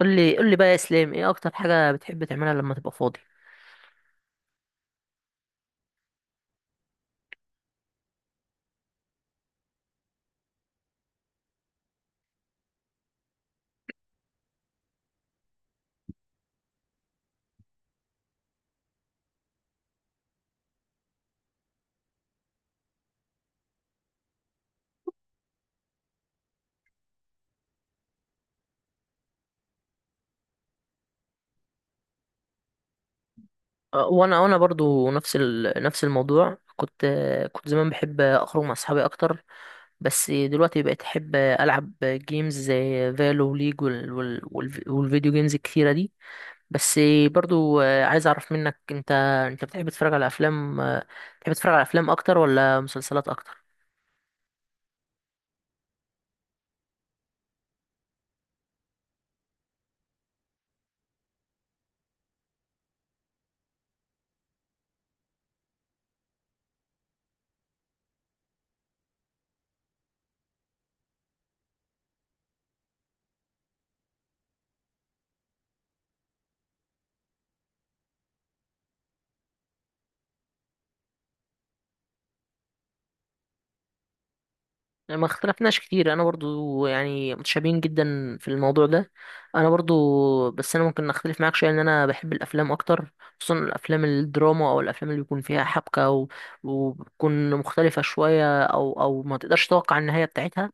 قول لي قول لي بقى يا اسلام، ايه اكتر حاجه بتحب تعملها لما تبقى فاضي؟ وانا برضو نفس الموضوع. كنت زمان بحب اخرج مع اصحابي اكتر. بس دلوقتي بقيت احب العب جيمز زي فالو وليج والفيديو جيمز الكتيره دي. بس برضو، عايز اعرف منك انت بتحب تتفرج على افلام، بتحب تتفرج على افلام اكتر ولا مسلسلات اكتر؟ يعني ما اختلفناش كتير، انا برضو يعني متشابهين جدا في الموضوع ده. انا برضو، بس انا ممكن اختلف معاك شويه ان انا بحب الافلام اكتر، خصوصا الافلام الدراما او الافلام اللي بيكون فيها حبكه وبتكون مختلفه شويه، او ما تقدرش تتوقع النهايه بتاعتها.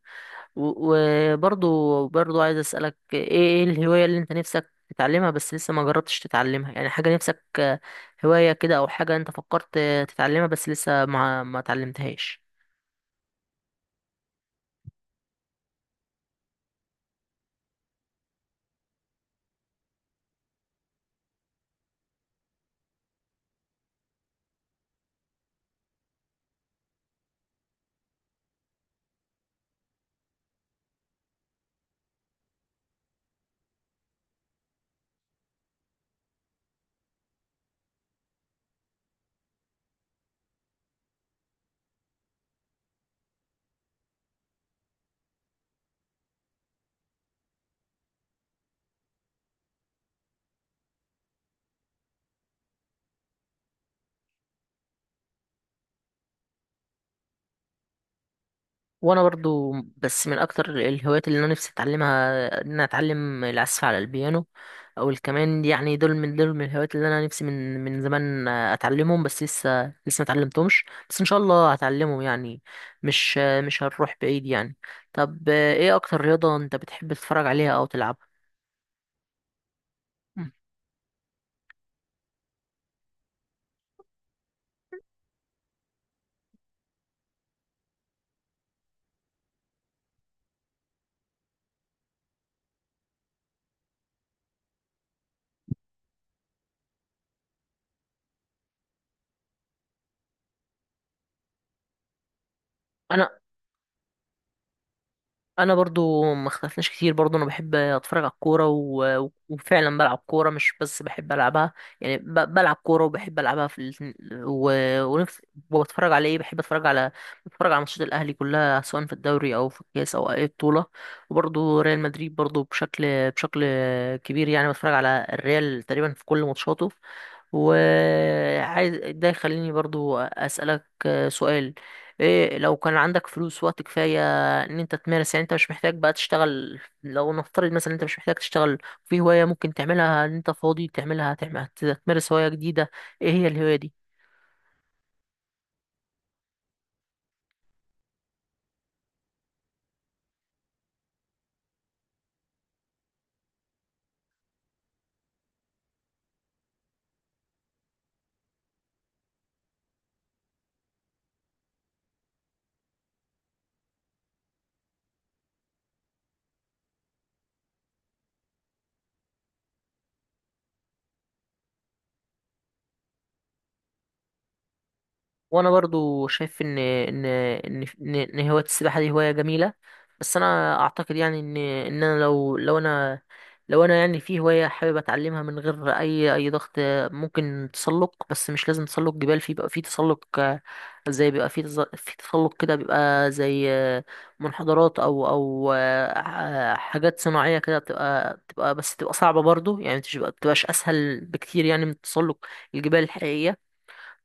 وبرضو عايز اسالك، ايه الهوايه اللي انت نفسك تتعلمها بس لسه ما جربتش تتعلمها؟ يعني حاجه نفسك، هوايه كده، او حاجه انت فكرت تتعلمها بس لسه ما اتعلمتهاش. وانا برضو، بس من اكتر الهوايات اللي انا نفسي اتعلمها ان انا اتعلم العزف على البيانو او الكمان، يعني دول من الهوايات اللي انا نفسي من زمان اتعلمهم، بس لسه ما اتعلمتهمش، بس ان شاء الله هتعلمهم يعني. مش هنروح بعيد يعني. طب ايه اكتر رياضة انت بتحب تتفرج عليها او تلعبها؟ مم. انا انا برضو ما اختلفناش كتير. برضو انا بحب اتفرج على الكوره، وفعلا بلعب كوره، مش بس بحب العبها، يعني بلعب كوره وبحب العبها في الاتنين. و... ونفس وبتفرج على ايه بحب اتفرج على بتفرج على ماتشات الاهلي كلها، سواء في الدوري او في الكاس او اي بطوله. وبرضو ريال مدريد برضو بشكل كبير يعني، بتفرج على الريال تقريبا في كل ماتشاته. وعايز ده يخليني برضو اسالك سؤال. إيه، لو كان عندك فلوس وقت كفاية ان انت تمارس، يعني انت مش محتاج بقى تشتغل، لو نفترض مثلا انت مش محتاج تشتغل، في هواية ممكن تعملها ان انت فاضي تعملها، تعمل، تمارس هواية جديدة، ايه هي الهواية دي؟ وانا برضو شايف ان هوايه السباحه دي هوايه جميله، بس انا اعتقد يعني ان انا، لو انا يعني، في هوايه حابب اتعلمها من غير اي ضغط، ممكن تسلق. بس مش لازم تسلق جبال، في بيبقى في تسلق، زي بيبقى في في تسلق كده، بيبقى زي منحدرات او حاجات صناعيه كده، بتبقى بس تبقى صعبه برضو يعني، مش بتبقاش اسهل بكتير يعني من تسلق الجبال الحقيقيه.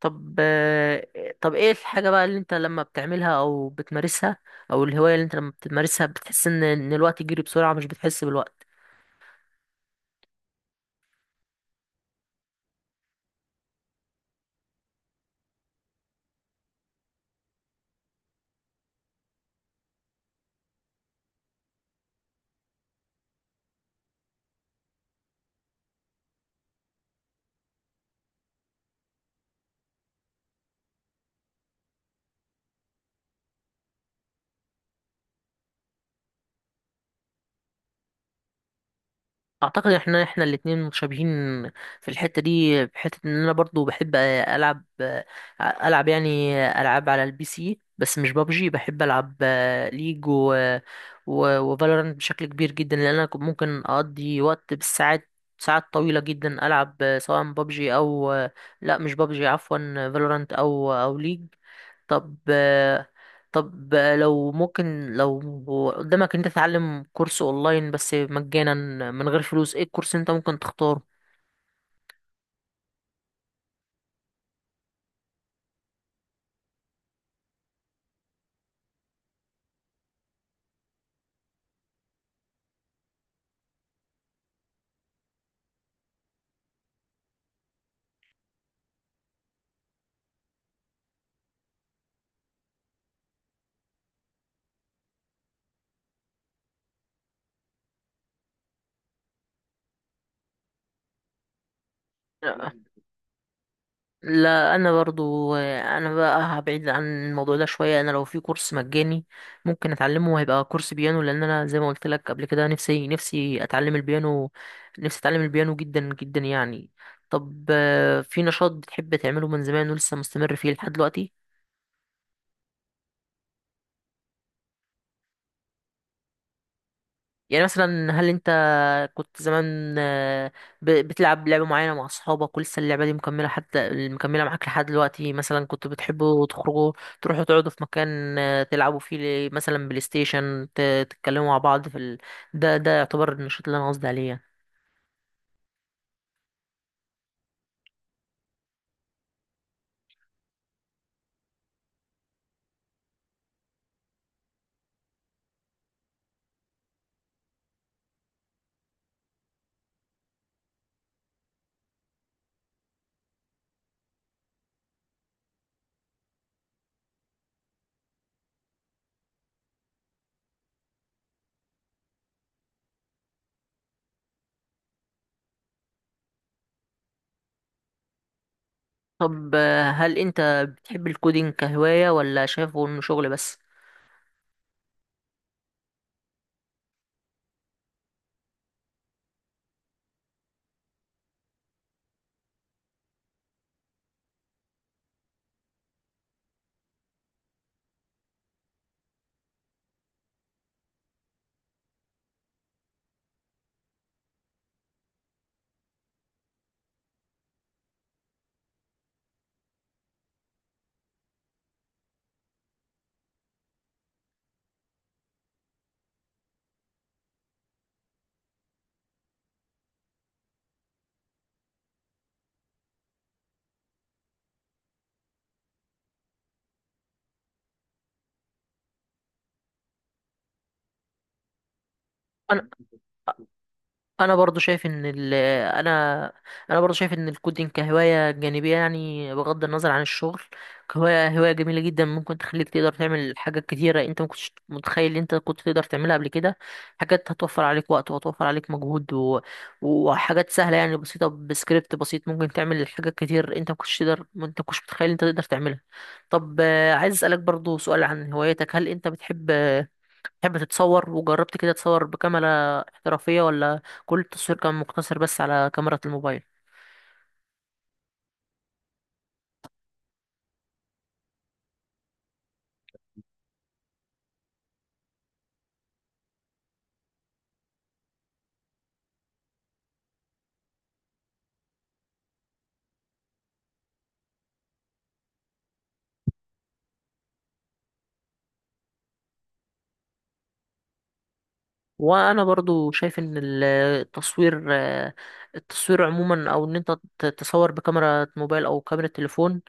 طب، طب ايه الحاجة بقى اللي انت لما بتعملها او بتمارسها، او الهواية اللي انت لما بتمارسها بتحس ان الوقت يجري بسرعة، مش بتحس بالوقت؟ اعتقد احنا الاتنين متشابهين في الحته دي، بحته ان انا برضو بحب العب، العب يعني العاب على البي سي، بس مش بابجي. بحب العب ليج و و وفالورانت بشكل كبير جدا، لان انا كنت ممكن اقضي وقت بالساعات، ساعات طويله جدا العب سواء بابجي او، لا مش بابجي، عفوا، فالورانت او ليج. طب، لو قدامك إن انت تتعلم كورس اونلاين، بس مجانا من غير فلوس، ايه الكورس انت ممكن تختاره؟ لا، انا برضو، انا بقى هبعد عن الموضوع ده شويه. انا لو في كورس مجاني ممكن اتعلمه، هيبقى كورس بيانو، لان انا زي ما قلت لك قبل كده، نفسي اتعلم البيانو، نفسي اتعلم البيانو جدا جدا يعني. طب، في نشاط بتحب تعمله من زمان ولسه مستمر فيه لحد دلوقتي؟ يعني مثلا هل انت كنت زمان، بتلعب لعبة معينة مع أصحابك، ولسه اللعبة دي مكملة، حتى مكملة معاك لحد دلوقتي؟ مثلا كنتوا بتحبوا تخرجوا، تروحوا تقعدوا في مكان، تلعبوا فيه مثلا بلاي ستيشن، تتكلموا مع بعض في ده يعتبر النشاط اللي أنا قصدي عليه يعني. طب، هل أنت بتحب الكودينج كهواية ولا شايفه إنه شغل بس؟ انا برضو شايف ان ال انا انا برضو شايف ان الكودينج كهوايه جانبيه، يعني بغض النظر عن الشغل، كهوايه، هوايه جميله جدا. ممكن تخليك تقدر تعمل حاجات كتيره انت ما كنتش متخيل ان انت كنت تقدر تعملها قبل كده، حاجات هتوفر عليك وقت، وهتوفر عليك مجهود وحاجات سهله، يعني بسيطه، بسكريبت بسيط ممكن تعمل حاجات كتير انت ما كنتش تقدر، انت ما كنتش متخيل انت تقدر تعملها. طب، عايز اسالك برضو سؤال عن هوايتك. هل انت بتحب، تحب تتصور، وجربت كده تصور بكاميرا احترافية، ولا كل التصوير كان مقتصر بس على كاميرا الموبايل؟ وانا برضو شايف ان التصوير، التصوير عموما، او ان انت تصور بكاميرا موبايل او كاميرا تليفون،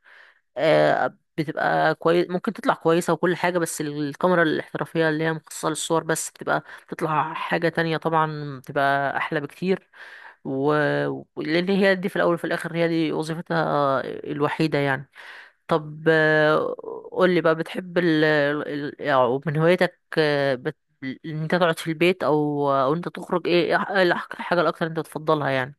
بتبقى كويس، ممكن تطلع كويسة وكل حاجة، بس الكاميرا الاحترافية اللي هي مخصصة للصور بس، بتبقى، بتطلع حاجة تانية طبعا. بتبقى احلى بكتير، و... لان هي دي في الاول وفي الاخر هي دي وظيفتها الوحيدة يعني. طب، قول لي بقى، بتحب يعني من هوايتك، ان انت تقعد في البيت، او انت تخرج، ايه إيه الحاجه الاكتر انت بتفضلها يعني؟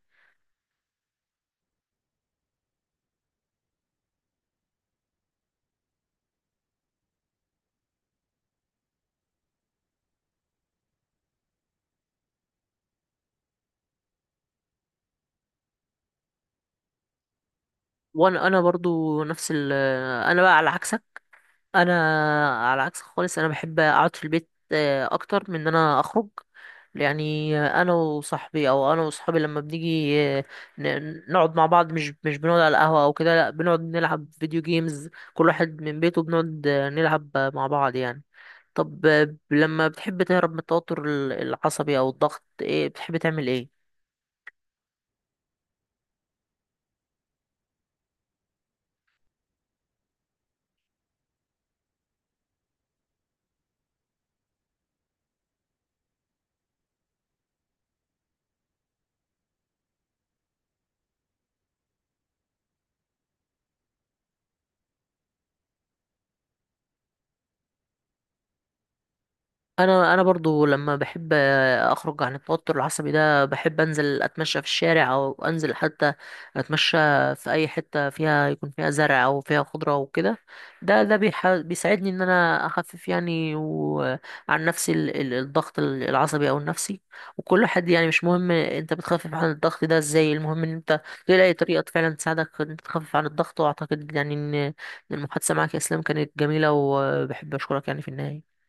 وانا برضو نفس انا بقى على عكسك. انا على عكس خالص، انا بحب اقعد في البيت اكتر من ان انا اخرج، يعني. انا وصاحبي، او انا وصحابي، لما بنيجي نقعد مع بعض، مش بنقعد على القهوة او كده، لا، بنقعد نلعب فيديو جيمز كل واحد من بيته، بنقعد نلعب مع بعض يعني. طب، لما بتحب تهرب من التوتر العصبي او الضغط، ايه بتحب تعمل، ايه؟ انا برضو لما بحب اخرج عن التوتر العصبي ده، بحب انزل اتمشى في الشارع، او انزل حتى اتمشى في اي حتة فيها، يكون فيها زرع او فيها خضرة وكده. ده بيساعدني ان انا اخفف يعني وعن نفسي الضغط العصبي او النفسي. وكل حد يعني، مش مهم انت بتخفف عن الضغط ده ازاي، المهم ان انت تلاقي طريقة فعلا تساعدك ان انت تخفف عن الضغط. واعتقد يعني ان المحادثة معك يا اسلام كانت جميلة، وبحب اشكرك يعني في النهاية.